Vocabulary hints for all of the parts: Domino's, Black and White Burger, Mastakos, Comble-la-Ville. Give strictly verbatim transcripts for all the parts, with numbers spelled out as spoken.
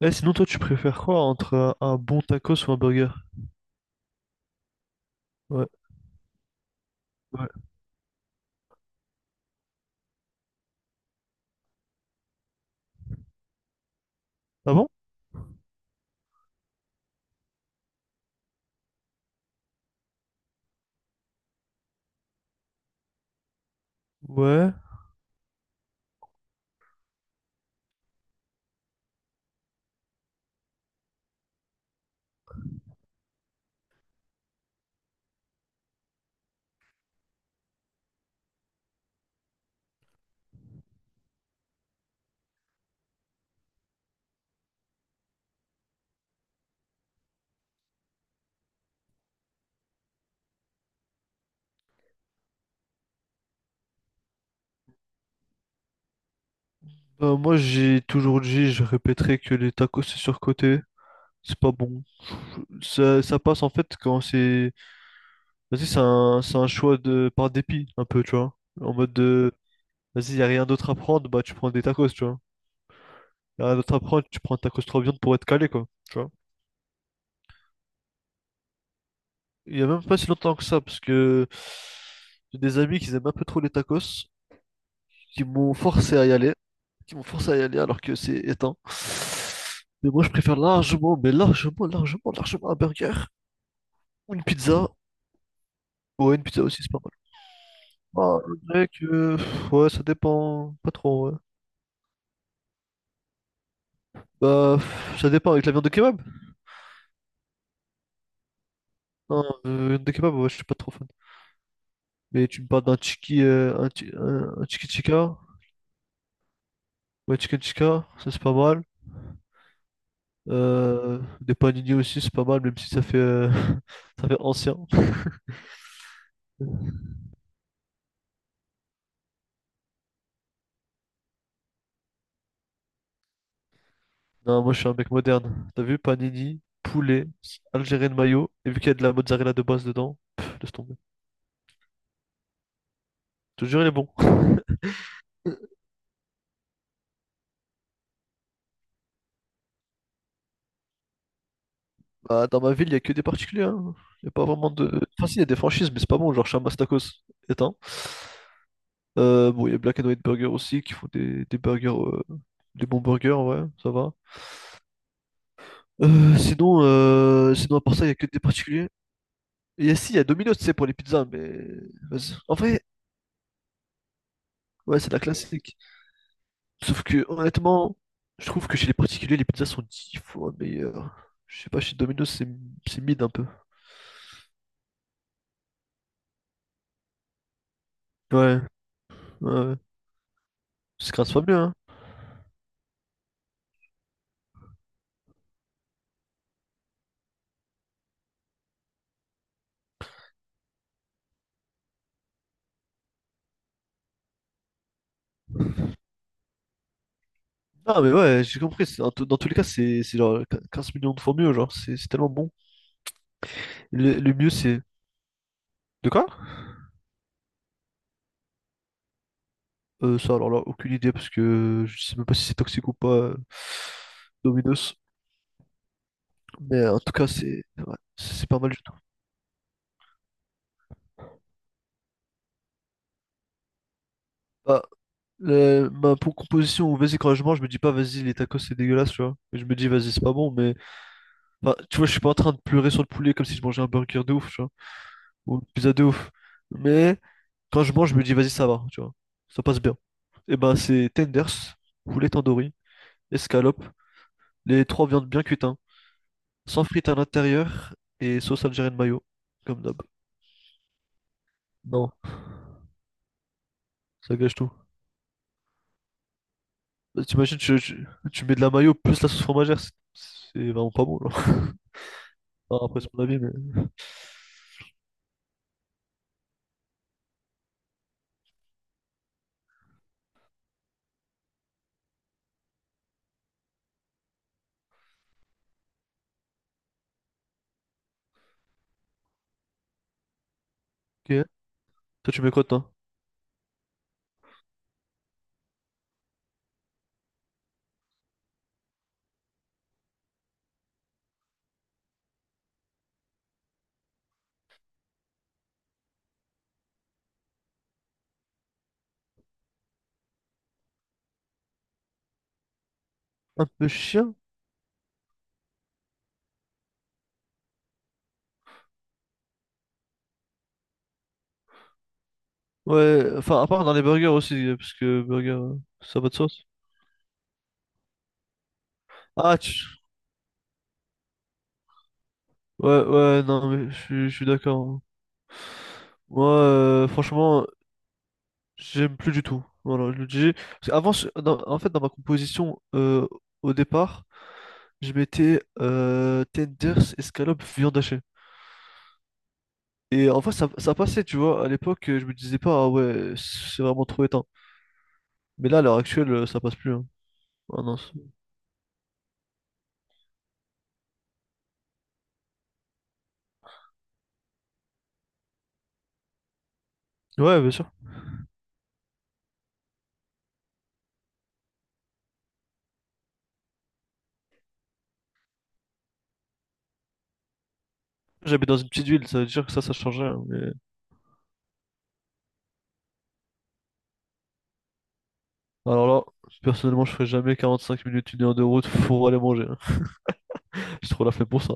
Eh, sinon, toi, tu préfères quoi entre un, un bon tacos ou un burger? Ouais, ouais. Ah bon? Ouais. Bah, moi, j'ai toujours dit, je répéterai que les tacos, c'est surcoté. C'est pas bon. Ça, ça passe, en fait, quand c'est... Vas-y, c'est un, c'est un choix de... par dépit, un peu, tu vois. En mode de... Vas-y, y a rien d'autre à prendre, bah, tu prends des tacos, tu vois. Y a rien d'autre à prendre, tu prends un tacos trois viandes pour être calé, quoi. Tu vois. Il y a même pas si longtemps que ça, parce que... J'ai des amis qui aiment un peu trop les tacos, qui m'ont forcé à y aller. Qui m'ont forcé à y aller alors que c'est éteint. Mais moi, je préfère largement, mais largement, largement, largement un burger ou une pizza. Ouais, une pizza aussi, c'est pas mal. Ah, je dirais que, pff, ouais, ça dépend. Pas trop, ouais. Bah, pff, ça dépend avec la viande de kebab. Non, euh, viande de kebab, ouais, je suis pas trop fan. Mais tu me parles d'un tiki, euh, un, chi- un, un tiki tikka, ouais, chicken tikka, ça c'est pas mal. Euh, des panini aussi, c'est pas mal, même si ça fait, euh, ça fait ancien. Non, moi je suis un mec moderne. T'as vu, panini, poulet, algérien de mayo, et vu qu'il y a de la mozzarella de base dedans, pff, laisse tomber. Je te jure, il est bon. Bah, dans ma ville, il y a que des particuliers. Hein. Il y a pas vraiment de. Enfin, si, il y a des franchises, mais c'est pas bon. Genre, chez Mastakos est un. Euh, bon, il y a Black and White Burger aussi qui font des, des burgers, euh, des bons burgers, ouais, ça va. Euh, sinon, euh, sinon, à part ça, il y a que des particuliers. Et si, il y a Domino's, tu sais, pour les pizzas, mais. Vas-y. En vrai, ouais, c'est la classique. Sauf que honnêtement, je trouve que chez les particuliers, les pizzas sont dix fois meilleures. Je sais pas, chez Domino's, c'est c'est mid un peu. Ouais, ouais, ouais. C'est quinze fois mieux, hein. Non, mais ouais, j'ai compris. c'est- Dans, tous dans tous les cas, c'est c'est genre quinze millions de fois mieux, genre, c'est c'est tellement bon. Le, le mieux, c'est. De quoi? Euh, ça, alors là, aucune idée, parce que je sais même pas si c'est toxique ou pas, euh, Domino's. Mais en tout cas, c'est ouais, c'est pas mal du tout. Bah, le- ma pour composition, vas-y, quand je mange, je me dis pas, vas-y, les tacos, c'est dégueulasse, tu vois. Je me dis, vas-y, c'est pas bon, mais enfin, tu vois, je suis pas en train de pleurer sur le poulet comme si je mangeais un burger de ouf, tu vois, ou une pizza de ouf. Mais quand je mange, je me dis, vas-y, ça va, tu vois, ça passe bien. Et ben, c'est tenders, poulet tandoori, escalope, les trois viandes bien cuites, hein, sans frites à l'intérieur et sauce algérienne mayo, comme d'hab. Non, ça gâche tout. Bah, t'imagines, tu, tu, tu mets de la mayo plus la sauce fromagère, c'est c'est vraiment pas bon, genre. Enfin, après, c'est mon avis, mais. Ok. Toi, tu mets quoi, toi? Un peu chien? Ouais, enfin, à part dans les burgers aussi, parce que burger, euh, ça va de sauce. Ah, tu... ouais, ouais, non, mais je suis je suis d'accord. Hein. Moi, euh, franchement, j'aime plus du tout. Voilà, je le dis. Parce qu'avant, je- dans- en fait, dans ma composition, euh, au départ, je mettais euh, tenders, escalope, viande hachée. Et en fait, ça, ça passait, tu vois. À l'époque, euh, je me disais pas, ah ouais, c'est vraiment trop éteint. Mais là, à l'heure actuelle, euh, ça passe plus. Hein. Ah non. c'est- Ouais, bien sûr. J'habite dans une petite ville, ça veut dire que ça, ça changeait. Hein, mais... Alors là, personnellement, je ferais jamais quarante-cinq minutes, une heure de route pour aller manger. Hein. J'ai trop la flemme pour ça.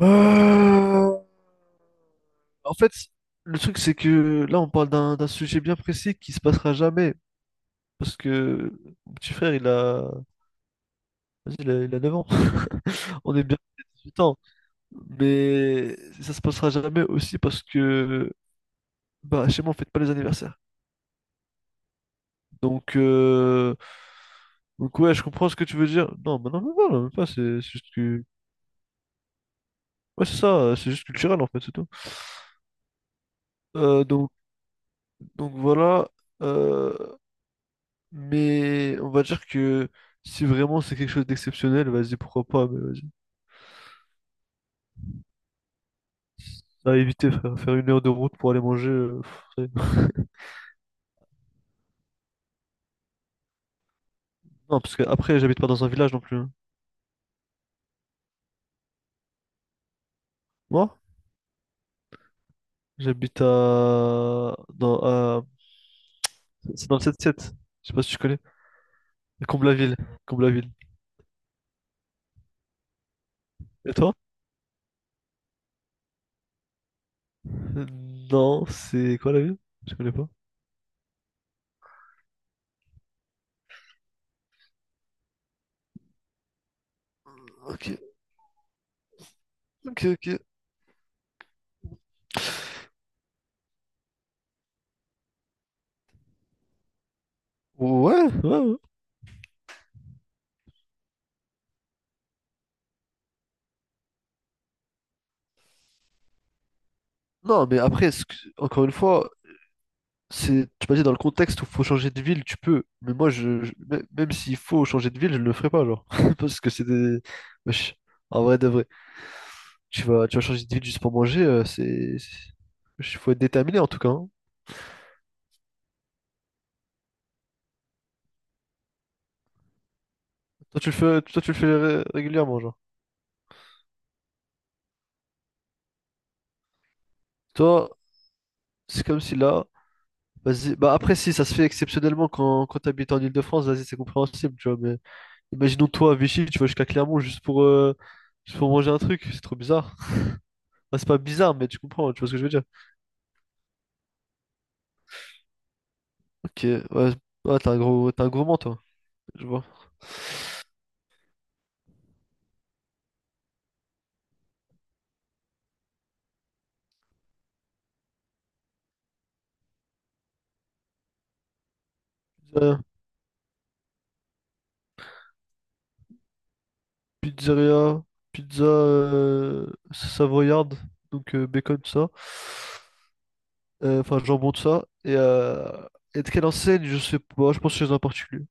Euh, En fait, le truc, c'est que là, on parle d'un d'un sujet bien précis qui se passera jamais. Parce que mon petit frère, il a, vas-y, il a, il a neuf ans. On est bien à dix-huit ans. Mais ça se passera jamais aussi parce que bah, chez moi, on fête pas les anniversaires. Donc, euh, donc ouais, je comprends ce que tu veux dire. Non, mais non, mais voilà, même pas, c'est c'est juste que... Ouais, c'est ça, c'est juste culturel, en fait, c'est tout. Euh, donc, donc voilà. Euh, Mais on va dire que si vraiment c'est quelque chose d'exceptionnel, vas-y, pourquoi pas, mais vas-y. À éviter, frère, faire une heure de route pour aller manger. Euh, pff, ça y est. Non, parce que après j'habite pas dans un village non plus. Hein. Moi, j'habite à... dans, à- c'est dans le sept sept. Je sais pas si tu connais. Comble-la-Ville. Comble-la-Ville. Et toi? Euh, Non, c'est quoi la ville? Je connais pas. Ok, ok, ok. Ouais, ouais, ouais. Non, mais après, ce que- encore une fois, c'est, tu m'as dit dans le contexte où faut changer de ville, tu peux. Mais moi, je, je- mê- même s'il faut changer de ville, je ne le ferai pas, genre. Parce que c'est des. Wesh, en vrai de vrai. Tu vas, tu vas changer de ville juste pour manger, euh, c'est. c'est- wesh, faut être déterminé en tout cas. Hein. Toi, tu le fais, toi, tu le fais ré- régulièrement, genre. Toi, c'est comme si là. Vas-y. Bah après, si, ça se fait exceptionnellement quand, quand t'habites en Île-de-France, vas-y, c'est compréhensible, tu vois. Mais imaginons toi à Vichy, tu vas jusqu'à Clermont juste pour, euh, juste pour manger un truc, c'est trop bizarre. Bah, c'est pas bizarre, mais tu comprends, tu vois ce que je veux dire. Ok, ouais, ouais, t'es un gros, t'es un gourmand, toi, je vois. Pizza- pizzeria, pizza euh, savoyarde, donc euh, bacon, tout ça. Euh, Enfin, jambon, tout ça. Et, euh, et de quelle enseigne, je sais pas, je pense chez un particulier.